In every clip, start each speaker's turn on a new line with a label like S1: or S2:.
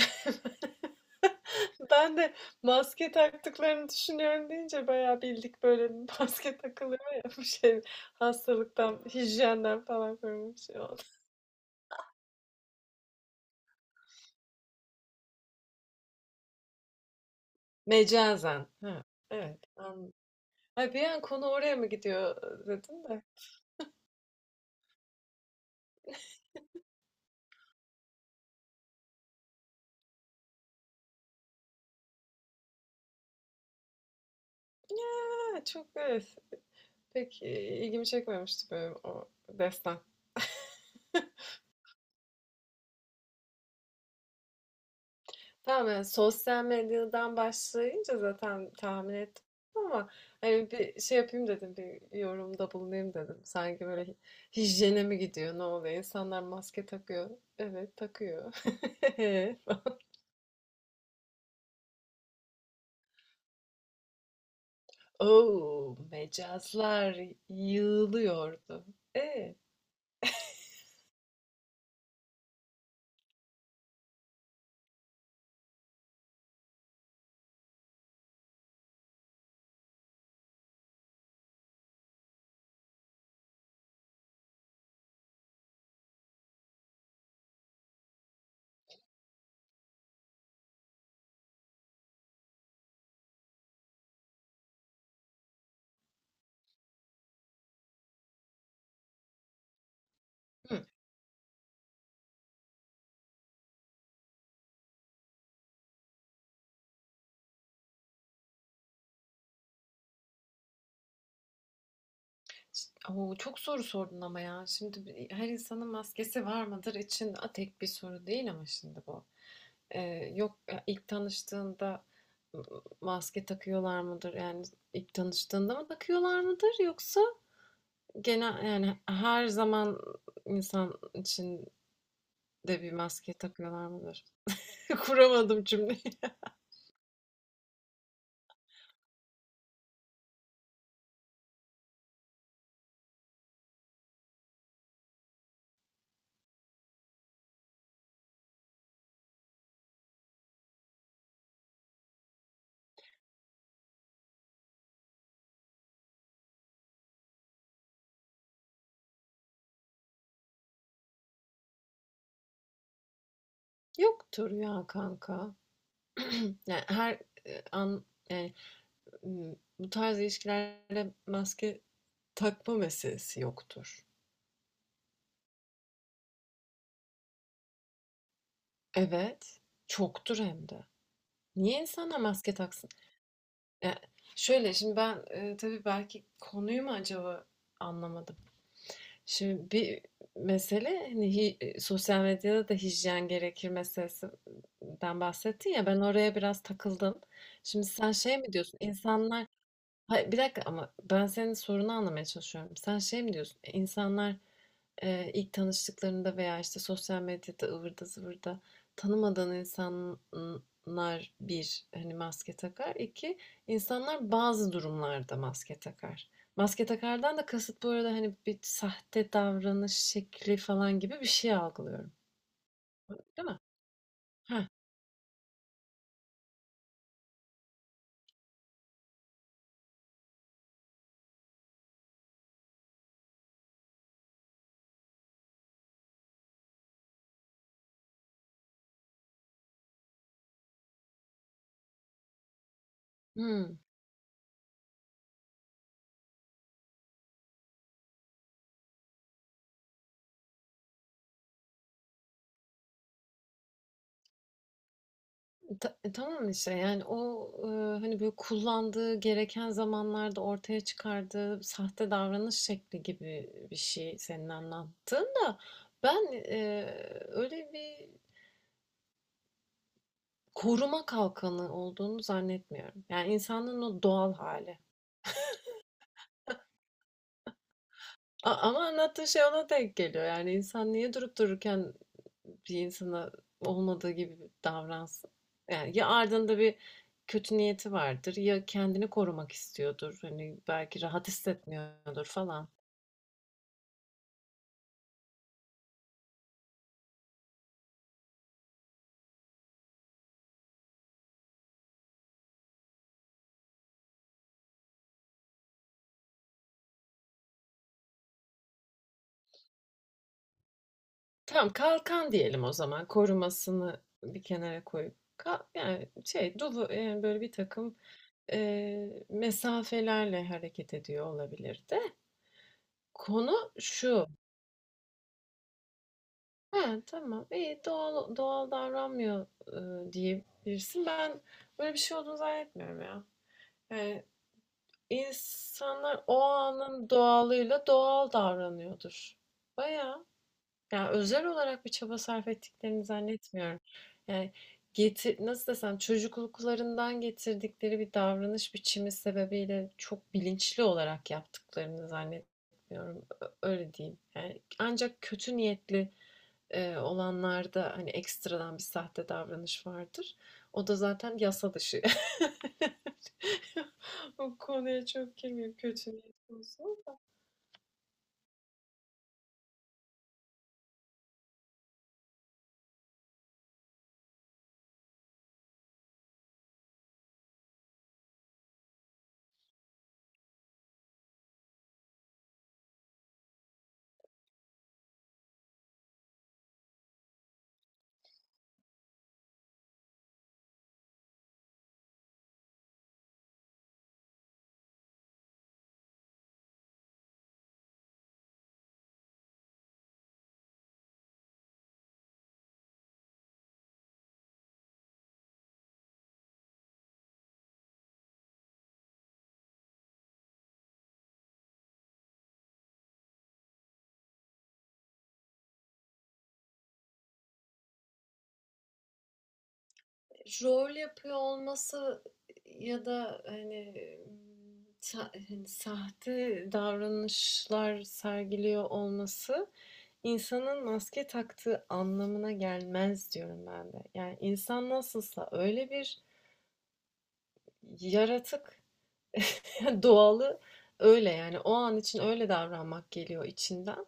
S1: Ben de maske taktıklarını düşünüyorum deyince bayağı bildik böyle bir maske takılıyor ya bu şey hastalıktan, hijyenden falan korunmak bir şey oldu. Mecazen. Ha, evet. Anladım. Ay bir an konu oraya mı gidiyor dedim de. Ha, çok evet. Pek ilgimi çekmemişti böyle o destan. Tamam yani sosyal medyadan başlayınca zaten tahmin ettim ama hani bir şey yapayım dedim, bir yorumda bulunayım dedim. Sanki böyle hijyene mi gidiyor, ne oluyor, insanlar maske takıyor. Evet, takıyor. Oo, mecazlar yığılıyordu. E, hı. Oo, çok soru sordun ama ya. Şimdi her insanın maskesi var mıdır için, tek bir soru değil ama şimdi bu. Yok ya, ilk tanıştığında maske takıyorlar mıdır? Yani ilk tanıştığında mı takıyorlar mıdır, yoksa genel yani her zaman insan için de bir maske takıyorlar mıdır? Kuramadım cümleyi. Yoktur ya kanka. Yani her, an yani, bu tarz ilişkilerde maske takma meselesi yoktur. Evet, çoktur hem de. Niye insanlar maske taksın? Ya şöyle, şimdi ben, tabii belki konuyu mu acaba anlamadım? Şimdi bir mesele, hani, hi sosyal medyada da hijyen gerekir meselesinden bahsettin ya, ben oraya biraz takıldım. Şimdi sen şey mi diyorsun, insanlar hayır, bir dakika ama ben senin sorunu anlamaya çalışıyorum. Sen şey mi diyorsun, insanlar ilk tanıştıklarında veya işte sosyal medyada ıvırda zıvırda tanımadığın insanlar, bir, hani, maske takar. İki, insanlar bazı durumlarda maske takar. Maske takardan da kasıt bu arada hani bir sahte davranış şekli falan gibi bir şey algılıyorum. Değil mi? Heh. Hmm. Tamam işte yani o, hani, böyle, kullandığı, gereken zamanlarda ortaya çıkardığı sahte davranış şekli gibi bir şey senin anlattığın da ben, öyle bir koruma kalkanı olduğunu zannetmiyorum. Yani insanın o doğal hali. A ama anlattığın şey ona denk geliyor. Yani insan niye durup dururken bir insana olmadığı gibi davransın. Yani ya ardında bir kötü niyeti vardır, ya kendini korumak istiyordur. Hani belki rahat hissetmiyordur falan. Tamam, kalkan diyelim o zaman. Korumasını bir kenara koyup. Yani şey dolu yani böyle bir takım mesafelerle hareket ediyor olabilir de. Konu şu. Ha, tamam, iyi, doğal, doğal davranmıyor diyebilirsin. Ben böyle bir şey olduğunu zannetmiyorum ya. Yani İnsanlar o anın doğalıyla doğal davranıyordur. Bayağı. Yani özel olarak bir çaba sarf ettiklerini zannetmiyorum. Yani getir, nasıl desem, çocukluklarından getirdikleri bir davranış biçimi sebebiyle çok bilinçli olarak yaptıklarını zannetmiyorum. Öyle diyeyim. Yani ancak kötü niyetli olanlarda hani ekstradan bir sahte davranış vardır. O da zaten yasa dışı. O konuya çok girmeyeyim, kötü niyet olsun. Rol yapıyor olması ya da, hani, sahte davranışlar sergiliyor olması insanın maske taktığı anlamına gelmez diyorum ben de. Yani insan nasılsa öyle bir yaratık, doğalı öyle, yani o an için öyle davranmak geliyor içinden.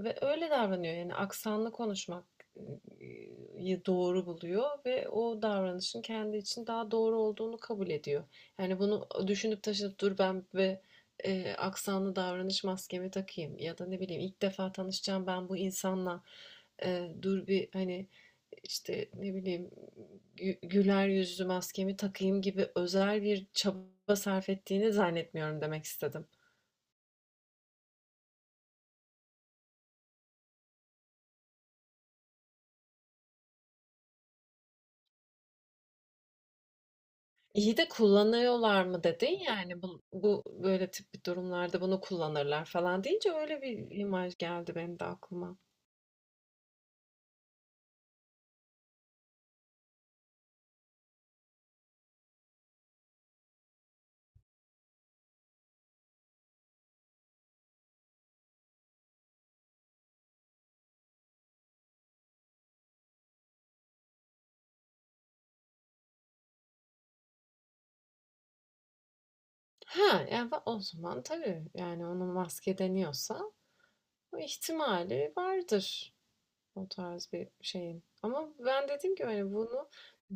S1: Ve öyle davranıyor, yani aksanlı konuşmak yı doğru buluyor ve o davranışın kendi için daha doğru olduğunu kabul ediyor. Yani bunu düşünüp taşınıp dur ben ve aksanlı davranış maskemi takayım ya da ne bileyim ilk defa tanışacağım ben bu insanla dur bir hani işte ne bileyim güler yüzlü maskemi takayım gibi özel bir çaba sarf ettiğini zannetmiyorum demek istedim. İyi de kullanıyorlar mı dedin yani bu, bu böyle tip bir durumlarda bunu kullanırlar falan deyince öyle bir imaj geldi benim de aklıma. Ha yani o zaman tabii yani onun maske deniyorsa o ihtimali vardır o tarz bir şeyin. Ama ben dediğim gibi hani bunu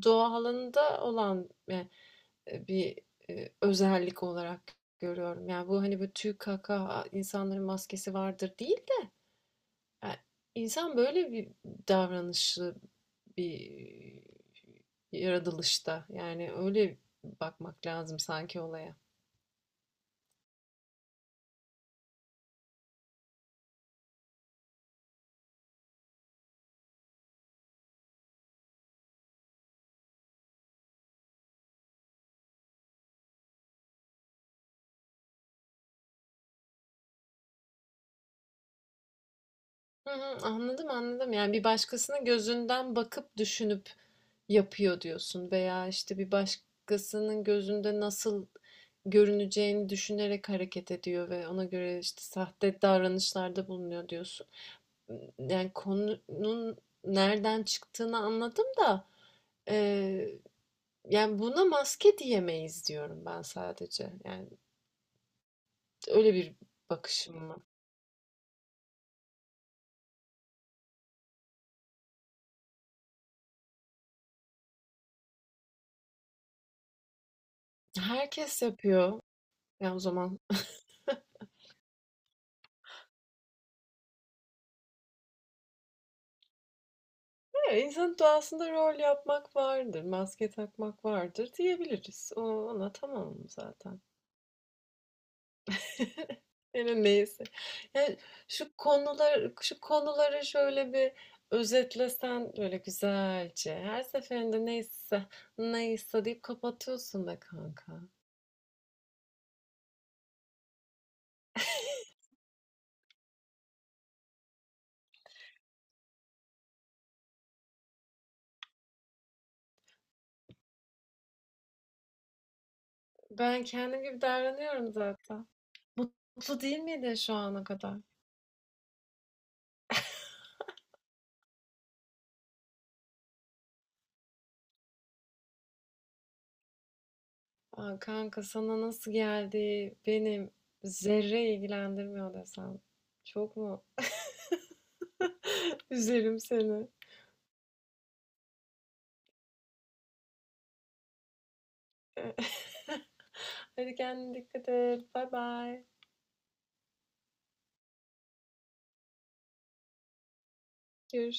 S1: doğalında olan bir özellik olarak görüyorum. Yani bu hani böyle tüy kaka insanların maskesi vardır değil. Yani insan böyle bir davranışlı bir yaratılışta. Yani öyle bakmak lazım sanki olaya. Hı hı, anladım, anladım. Yani bir başkasının gözünden bakıp düşünüp yapıyor diyorsun veya işte bir başkasının gözünde nasıl görüneceğini düşünerek hareket ediyor ve ona göre işte sahte davranışlarda bulunuyor diyorsun. Yani konunun nereden çıktığını anladım da e, yani buna maske diyemeyiz diyorum ben sadece. Yani öyle bir bakışım var. Herkes yapıyor. Yani o zaman "Ha, insanın doğasında rol yapmak vardır, maske takmak vardır" diyebiliriz. O, ona tamam zaten. Yani neyse. Yani şu konular, şu konuları şöyle bir özetlesen böyle güzelce. Her seferinde "neyse, neyse" deyip kapatıyorsun be kanka. Ben kendim gibi davranıyorum zaten. Mutlu değil miydi şu ana kadar? Aa, kanka, sana nasıl geldi benim zerre ilgilendirmiyor desem. Çok mu üzerim seni? Hadi kendine dikkat et. Bay bay. Görüşürüz.